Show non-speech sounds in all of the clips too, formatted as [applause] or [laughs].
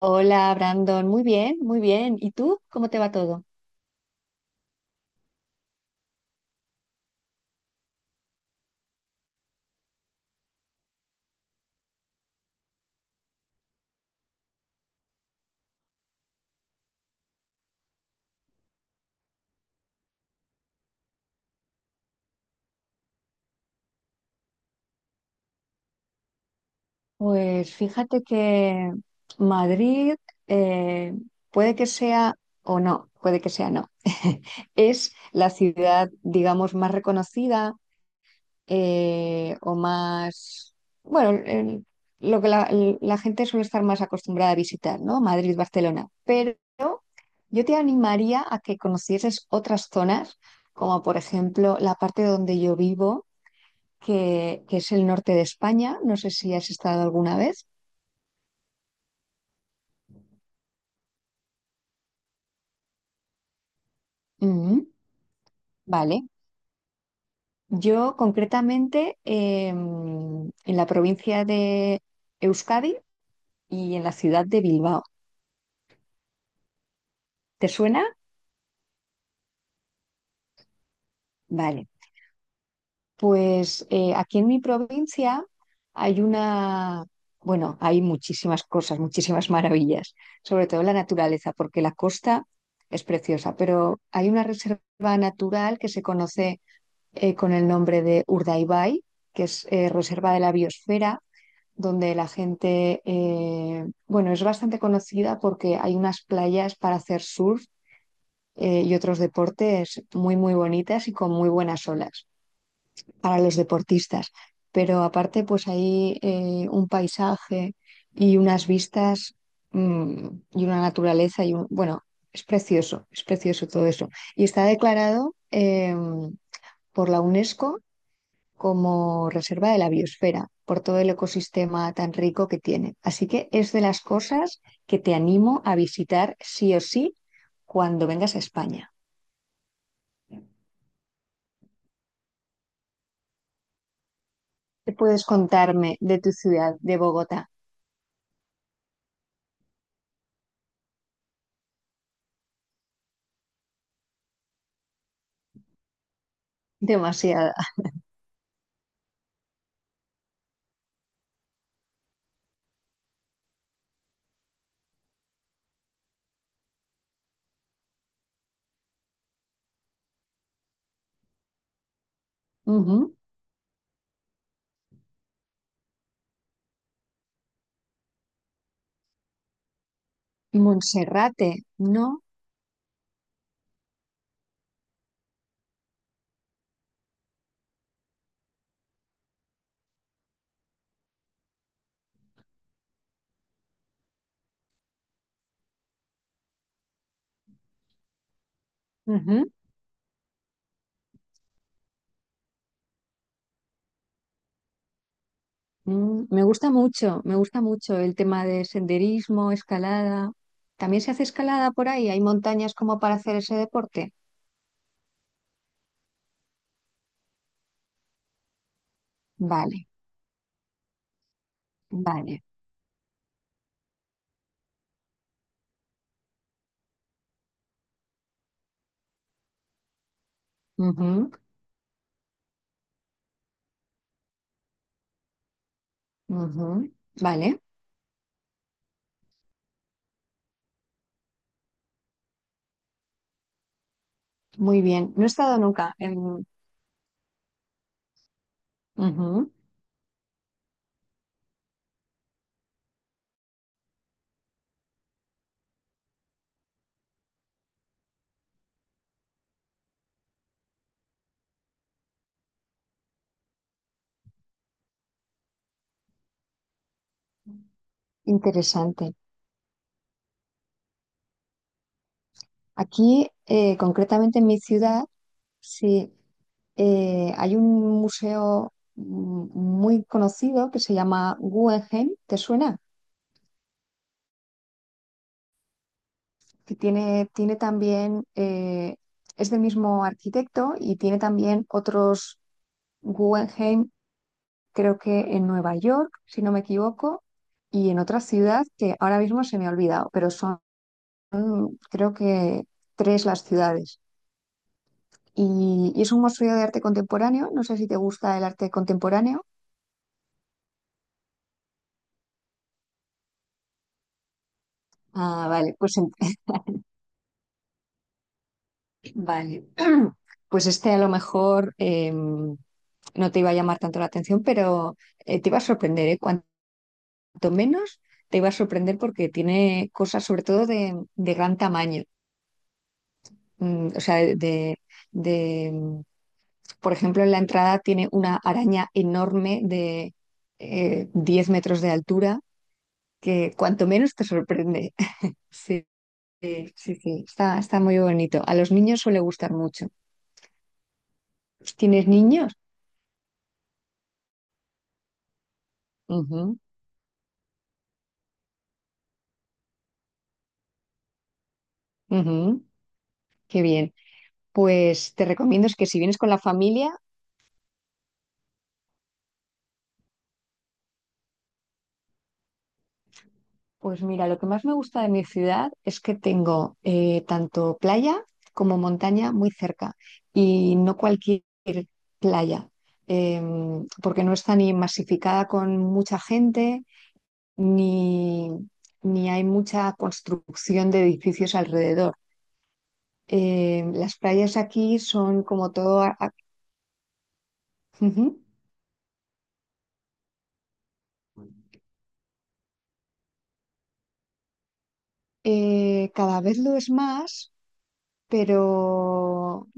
Hola, Brandon. Muy bien, muy bien. ¿Y tú? ¿Cómo te va todo? Pues fíjate que Madrid eh, puede que sea o no, puede que sea no. [laughs] Es la ciudad, digamos, más reconocida o más, bueno, lo que la gente suele estar más acostumbrada a visitar, ¿no? Madrid, Barcelona. Pero yo te animaría a que conocieses otras zonas, como por ejemplo la parte donde yo vivo que es el norte de España. No sé si has estado alguna vez. Ujú, vale. Yo concretamente en la provincia de Euskadi y en la ciudad de Bilbao. ¿Te suena? Vale. Pues aquí en mi provincia hay una, bueno, hay muchísimas cosas, muchísimas maravillas, sobre todo la naturaleza, porque la costa es preciosa, pero hay una reserva natural que se conoce con el nombre de Urdaibai, que es Reserva de la Biosfera, donde la gente, bueno, es bastante conocida porque hay unas playas para hacer surf y otros deportes muy, muy bonitas y con muy buenas olas para los deportistas. Pero aparte, pues hay un paisaje y unas vistas mm, y una naturaleza y un, bueno, es precioso todo eso. Y está declarado em, por la UNESCO como reserva de la biosfera por todo el ecosistema tan rico que tiene. Así que es de las cosas que te animo a visitar sí o sí cuando vengas a España. ¿Qué puedes contarme de tu ciudad, de Bogotá? Demasiada. Ujú. Monserrate, ¿no? Ujú. Mm, me gusta mucho, me gusta mucho el tema de senderismo, escalada. ¿También se hace escalada por ahí? ¿Hay montañas como para hacer ese deporte? Vale, vale. Ujú, ujú. Vale. Muy bien, no he estado nunca en... Ujú. Interesante. Aquí, concretamente en mi ciudad, sí, hay un museo muy conocido que se llama Guggenheim, ¿te suena? Que tiene, tiene también, es del mismo arquitecto y tiene también otros Guggenheim, creo que en Nueva York, si no me equivoco, y en otra ciudad que ahora mismo se me ha olvidado, pero son creo que tres las ciudades. Y es un museo de arte contemporáneo. No sé si te gusta el arte contemporáneo. Ah, vale, [laughs] vale. Pues este a lo mejor no te iba a llamar tanto la atención, pero te iba a sorprender, ¿eh? Cuanto menos te iba a sorprender porque tiene cosas sobre todo de gran tamaño. Mm, o sea, de, mm, por ejemplo, en la entrada tiene una araña enorme de 10 metros de altura que cuanto menos te sorprende. [laughs] Sí. Sí, sí, sí, está, está muy bonito. A los niños suele gustar mucho. ¿Tienes niños? Ujú, ujú, qué bien. Pues te recomiendo es que si vienes con la familia, pues mira, lo que más me gusta de mi ciudad es que tengo tanto playa como montaña muy cerca y no cualquier playa, porque no está ni masificada con mucha gente, ni, ni hay mucha construcción de edificios alrededor. Las playas aquí son como todo... Ujú. Cada vez lo es más, pero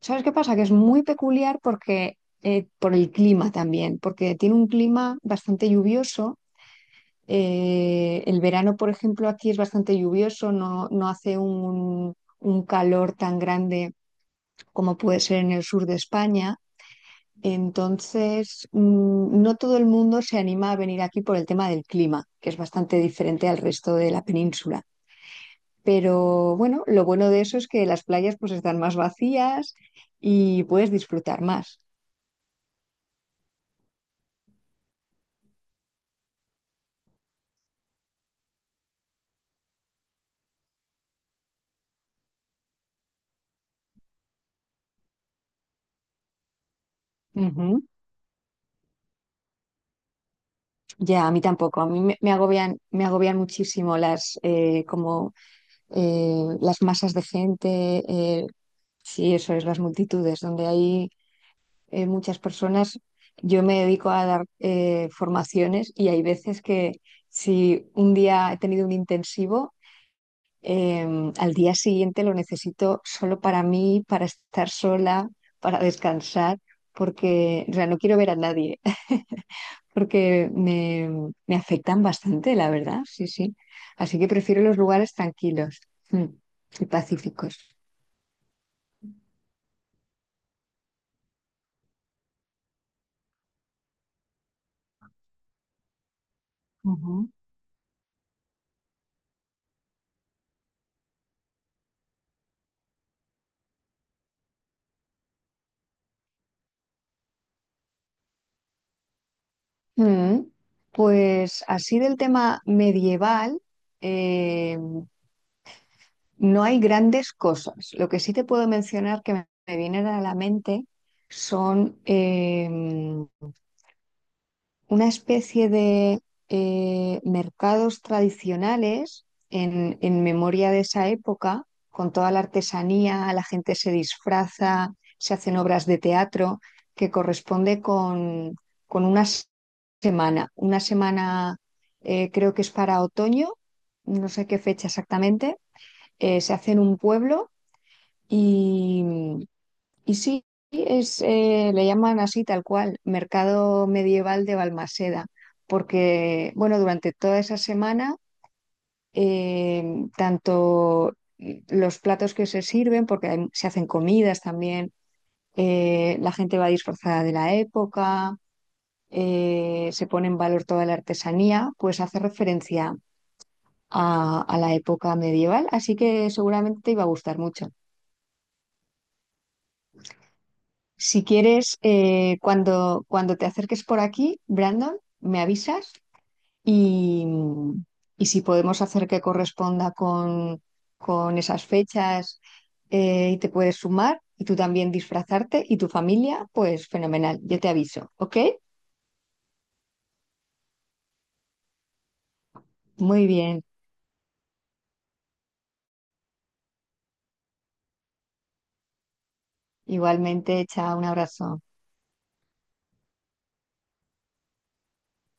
¿sabes qué pasa? Que es muy peculiar porque por el clima también, porque tiene un clima bastante lluvioso. El verano, por ejemplo, aquí es bastante lluvioso, no, no hace un calor tan grande como puede ser en el sur de España. Entonces, mm, no todo el mundo se anima a venir aquí por el tema del clima, que es bastante diferente al resto de la península. Pero bueno, lo bueno de eso es que las playas pues están más vacías y puedes disfrutar más. Ujú. Ya, a mí tampoco. A mí me agobian muchísimo las como las masas de gente, sí, eso es, las multitudes, donde hay muchas personas, yo me dedico a dar formaciones y hay veces que si un día he tenido un intensivo, eh, al día siguiente lo necesito solo para mí, para estar sola, para descansar, porque o sea, no quiero ver a nadie, [laughs] porque me afectan bastante, la verdad, sí, sí. Así que prefiero los lugares tranquilos mm, y pacíficos. Mm, pues así del tema medieval, eh, no hay grandes cosas. Lo que sí te puedo mencionar que me vienen a la mente son una especie de mercados tradicionales en memoria de esa época, con toda la artesanía, la gente se disfraza, se hacen obras de teatro, que corresponde con semana. Una semana creo que es para otoño, no sé qué fecha exactamente. Eh, se hace en un pueblo y sí, es, le llaman así tal cual, Mercado Medieval de Balmaseda, porque, bueno, durante toda esa semana, eh, tanto los platos que se sirven, porque se hacen comidas también, la gente va disfrazada de la época, se pone en valor toda la artesanía, pues hace referencia a la época medieval, así que seguramente te iba a gustar mucho. Si quieres, cuando, cuando te acerques por aquí, Brandon, me avisas y, y si podemos hacer que corresponda con esas fechas y te puedes sumar y tú también disfrazarte y tu familia, pues fenomenal, yo te aviso, ¿ok? Muy bien, igualmente, chao, un abrazo.